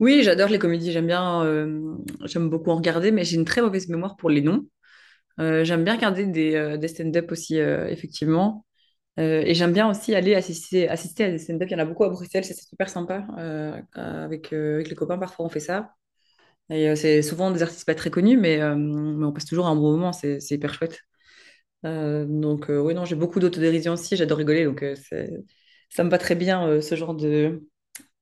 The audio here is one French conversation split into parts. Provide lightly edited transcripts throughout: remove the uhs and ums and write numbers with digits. Oui, j'adore les comédies, j'aime bien, j'aime beaucoup en regarder, mais j'ai une très mauvaise mémoire pour les noms. J'aime bien regarder des stand-up aussi, effectivement. Et j'aime bien aussi aller assister à des stand-up. Il y en a beaucoup à Bruxelles, ça, c'est super sympa. Avec, avec les copains, parfois on fait ça. Et c'est souvent des artistes pas très connus, mais on passe toujours un bon moment, c'est hyper chouette. Donc oui, non, j'ai beaucoup d'autodérision aussi, j'adore rigoler, donc ça me va très bien, ce genre de,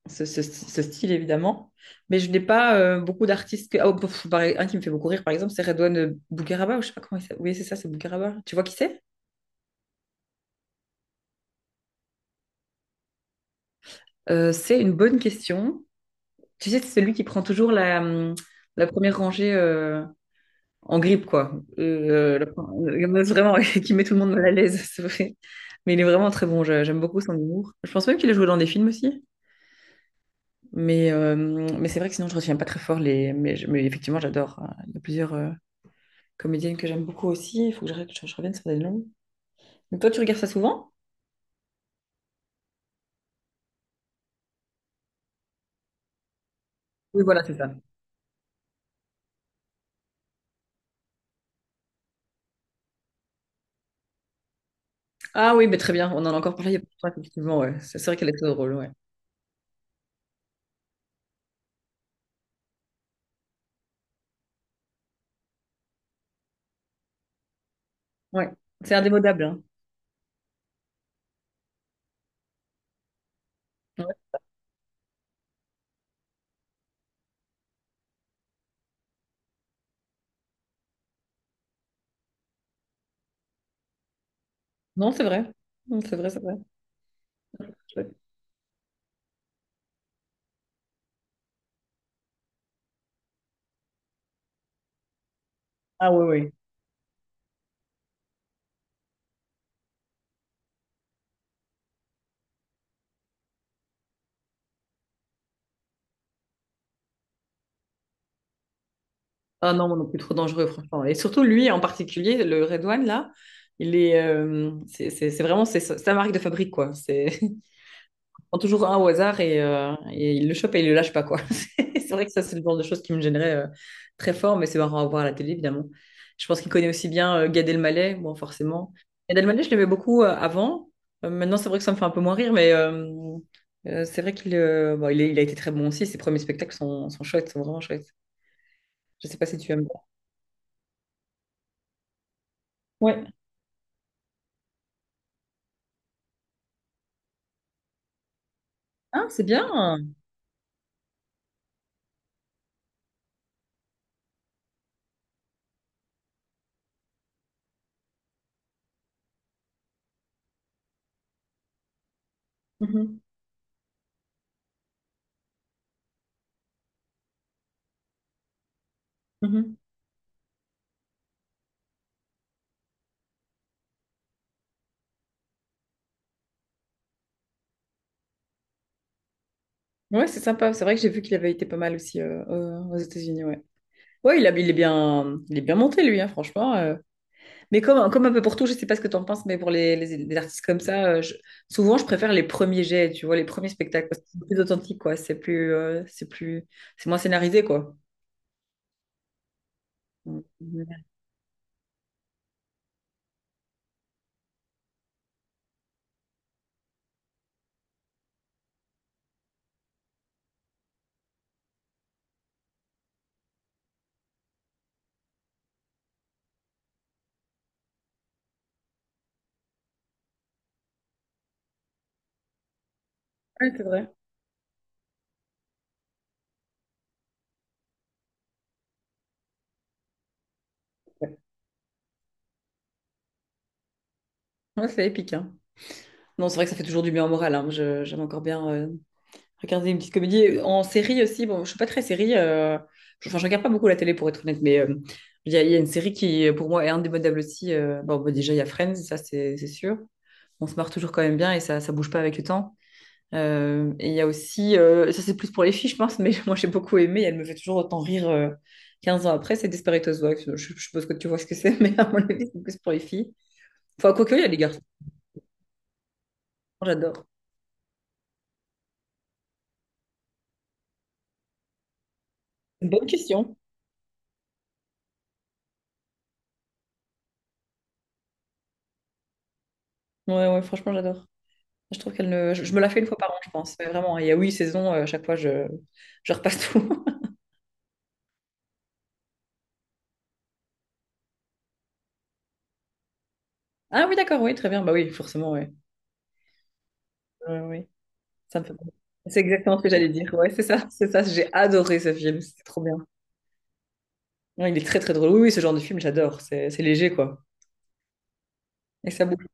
ce style, évidemment. Mais je n'ai pas beaucoup d'artistes. Que... ah, oh, pff, par- e-, Un qui me fait beaucoup rire, par exemple, c'est Redouane Bougaraba, ou je sais pas comment il s'appelle. Oui, c'est ça, c'est Bougaraba. Tu vois qui c'est? C'est une bonne question. Tu sais, c'est celui qui prend toujours la, la première rangée en grippe, quoi. Vraiment, qui met tout le monde mal à l'aise, c'est vrai. Mais il est vraiment très bon, j'aime beaucoup son humour. Je pense même qu'il a joué dans des films aussi. Mais, euh, mais c'est vrai que sinon, je ne retiens pas très fort les. Mais, mais effectivement, j'adore, hein. Il y a plusieurs, comédienne que j'aime beaucoup aussi. Il faut que je, je revienne sur des noms. Donc toi, tu regardes ça souvent? Oui, voilà, c'est ça. Ah oui, mais très bien. On en a encore parlé il y a pas longtemps, effectivement. Ouais. C'est vrai qu'elle est très drôle, ouais. Ouais. C'est indémodable, hein. Ouais. Non, c'est vrai. Non, c'est vrai. Ouais. Ah oui, oui. Ah non, moi non plus, trop dangereux, franchement. Et surtout, lui en particulier, le Redouane, là, il est... c'est vraiment c'est sa marque de fabrique, quoi. C'est... prend toujours un au hasard et il le chope et il le lâche pas, quoi. C'est vrai que ça, c'est le genre de choses qui me gênerait très fort, mais c'est marrant à voir à la télé, évidemment. Je pense qu'il connaît aussi bien Gad Elmaleh, bon, forcément. Gad Elmaleh, je l'aimais beaucoup avant. Maintenant, c'est vrai que ça me fait un peu moins rire, mais c'est vrai qu'il bon, il a été très bon aussi. Ses premiers spectacles sont chouettes, sont vraiment chouettes. Je sais pas si tu aimes. Ouais. Ah, c'est bien. Mhm, mhm. Ouais, c'est sympa. C'est vrai que j'ai vu qu'il avait été pas mal aussi aux États-Unis, ouais. Ouais, il est bien monté, lui, hein, franchement, Mais comme un peu pour tout, je sais pas ce que t'en penses, mais pour les, les artistes comme ça, souvent, je préfère les premiers jets, tu vois, les premiers spectacles, parce que c'est plus authentique, quoi. C'est plus, c'est plus, c'est moins scénarisé, quoi. Mm. Ouais, c'est vrai. Ouais, ouais, c'est épique, hein. Non, c'est vrai que ça fait toujours du bien au moral, hein. J'aime encore bien regarder une petite comédie. En série aussi, bon, je suis pas très série, je, enfin, je regarde pas beaucoup la télé, pour être honnête, mais... il y, a, il y a une série qui, pour moi, est indémodable aussi, bon, bah, déjà, il y a Friends, ça, c'est sûr. On se marre toujours quand même bien et ça bouge pas avec le temps. Et il y a aussi, ça c'est plus pour les filles, je pense, mais moi j'ai beaucoup aimé, elle me fait toujours autant rire 15 ans après, c'est Desperate Housewives. Je suppose que tu vois ce que c'est, mais à mon avis, c'est plus pour les filles. Enfin, quoique, il y a les garçons, j'adore. Une bonne question. Ouais, ouais, franchement, j'adore. Je trouve qu'elle ne. Je me la fais une fois par an, je pense. Mais vraiment, il y a huit saisons, à chaque fois, je repasse tout. Ah oui, d'accord, oui, très bien. Bah oui, forcément, oui. Ouais, ouais, oui, ça me fait. C'est exactement ce que j'allais dire. Ouais, c'est ça. J'ai adoré ce film, c'était trop bien. Ouais, il est très très drôle. Oui, oui, ce genre de film, j'adore. C'est léger, quoi. Et ça bouge.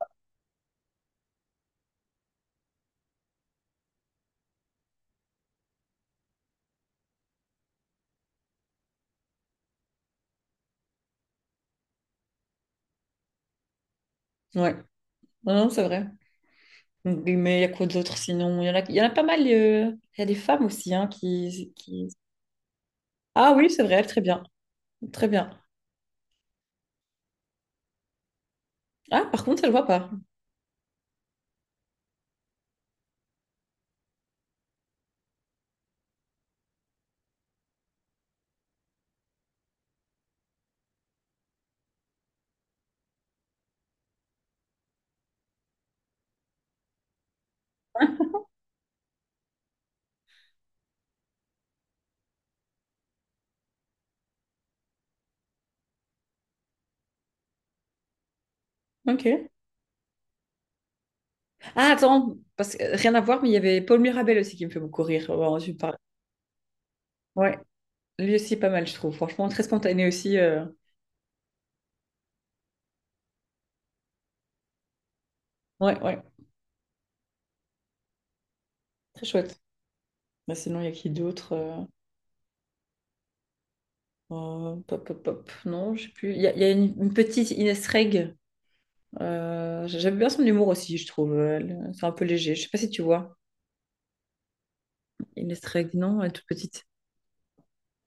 Ouais. Non, c'est vrai. Mais il y a quoi d'autre sinon? Il y en a, il y en a pas mal, il y a des femmes aussi hein, qui. Ah oui, c'est vrai, très bien. Très bien. Ah, par contre, ça le vois pas. Hein. Ok. Ah, attends, parce que rien à voir, mais il y avait Paul Mirabel aussi qui me fait beaucoup rire. Ouais, tu me parles. Ouais, lui aussi, pas mal, je trouve. Franchement, très spontané aussi, ouais, ouais, très chouette. Bah, sinon, il y a qui d'autre pop, pop, pop. Non, je sais plus. Il y a une petite Ines Reg. J'aime bien son humour aussi, je trouve. Elle- c'est un peu léger. Je sais pas si tu vois. Inès Régnan, elle est toute petite.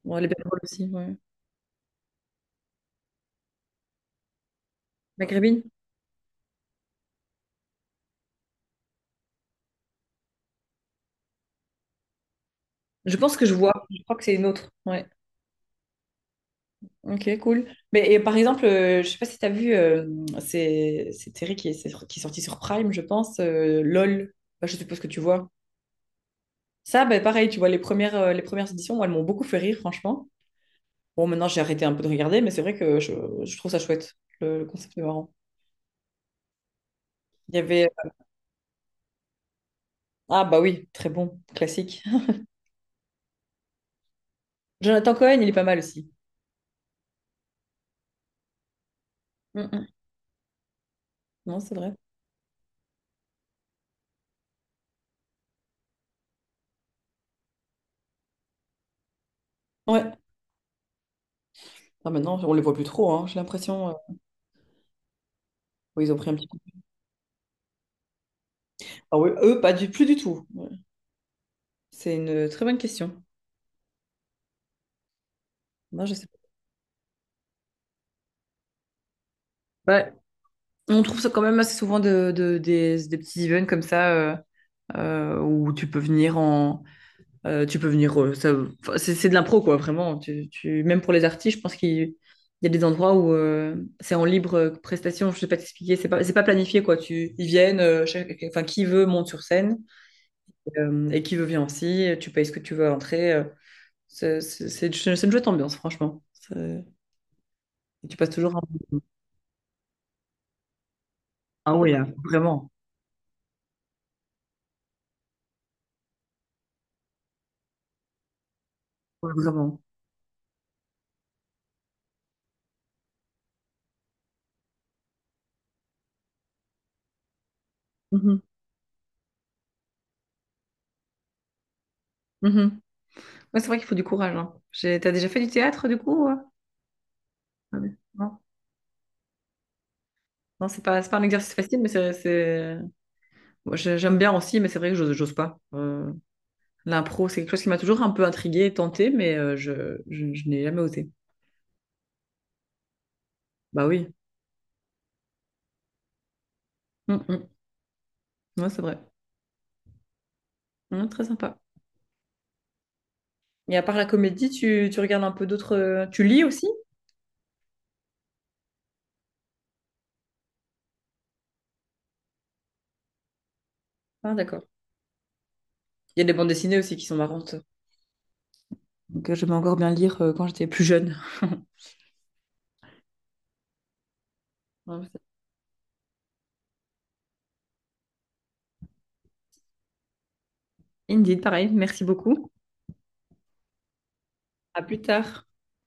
Bon, elle est belle drôle aussi, ouais. Maghrébine? Je pense que je vois. Je crois que c'est une autre. Ouais. Ok, cool. Mais et par exemple, je sais pas si tu as vu, c'est Terry qui est, qui est sorti sur Prime, je pense, LOL. Bah, je suppose que tu vois. Ça, bah, pareil, tu vois, les premières éditions, moi, elles m'ont beaucoup fait rire, franchement. Bon, maintenant, j'ai arrêté un peu de regarder, mais c'est vrai que je trouve ça chouette. Le concept est marrant. Il y avait... Ah bah oui, très bon, classique. Jonathan Cohen, il est pas mal aussi. Mm, mm. Non, c'est vrai. Ouais. Ah, maintenant, on les voit plus trop, hein, j'ai l'impression, oui, ils ont pris un petit coup. Ah oui, eux, pas du plus du tout. Ouais. C'est une très bonne question. Non, je sais pas. Ouais. On trouve ça quand même assez souvent de, des petits events comme ça où tu peux venir en, tu peux venir, enfin, c'est de l'impro, quoi, vraiment. Tu, même pour les artistes, je pense qu'il il y a des endroits où c'est en libre prestation. Je sais pas t'expliquer. C'est pas planifié, quoi. Tu, ils viennent, enfin, qui veut monte sur scène. Et qui veut vient aussi. Tu payes ce que tu veux à l'entrée, c'est une chouette ambiance, franchement. C'est- et tu passes toujours un bon moment. Ah oui, hein, vraiment. Ouais, vraiment. Mhm, mhm. Ouais, c'est vrai qu'il faut du courage, hein. J'ai- t'as déjà fait du théâtre, du coup? Ah oui. Non, c'est pas un exercice facile, mais c'est- moi, j'ai- j'aime bien aussi, mais c'est vrai que j'ose pas. L'impro, c'est quelque chose qui m'a toujours un peu intriguée et tentée, mais je n'ai jamais osé. Bah oui. Mm, mm. Ouais, c'est vrai. Mm, très sympa. Mais à part la comédie, tu regardes un peu d'autres, tu lis aussi? Ah, d'accord. Il y a des bandes dessinées aussi qui sont marrantes. Donc, j'aimais encore bien lire quand j'étais plus jeune. Ouais, c'est- Indeed, pareil. Merci beaucoup. À plus tard.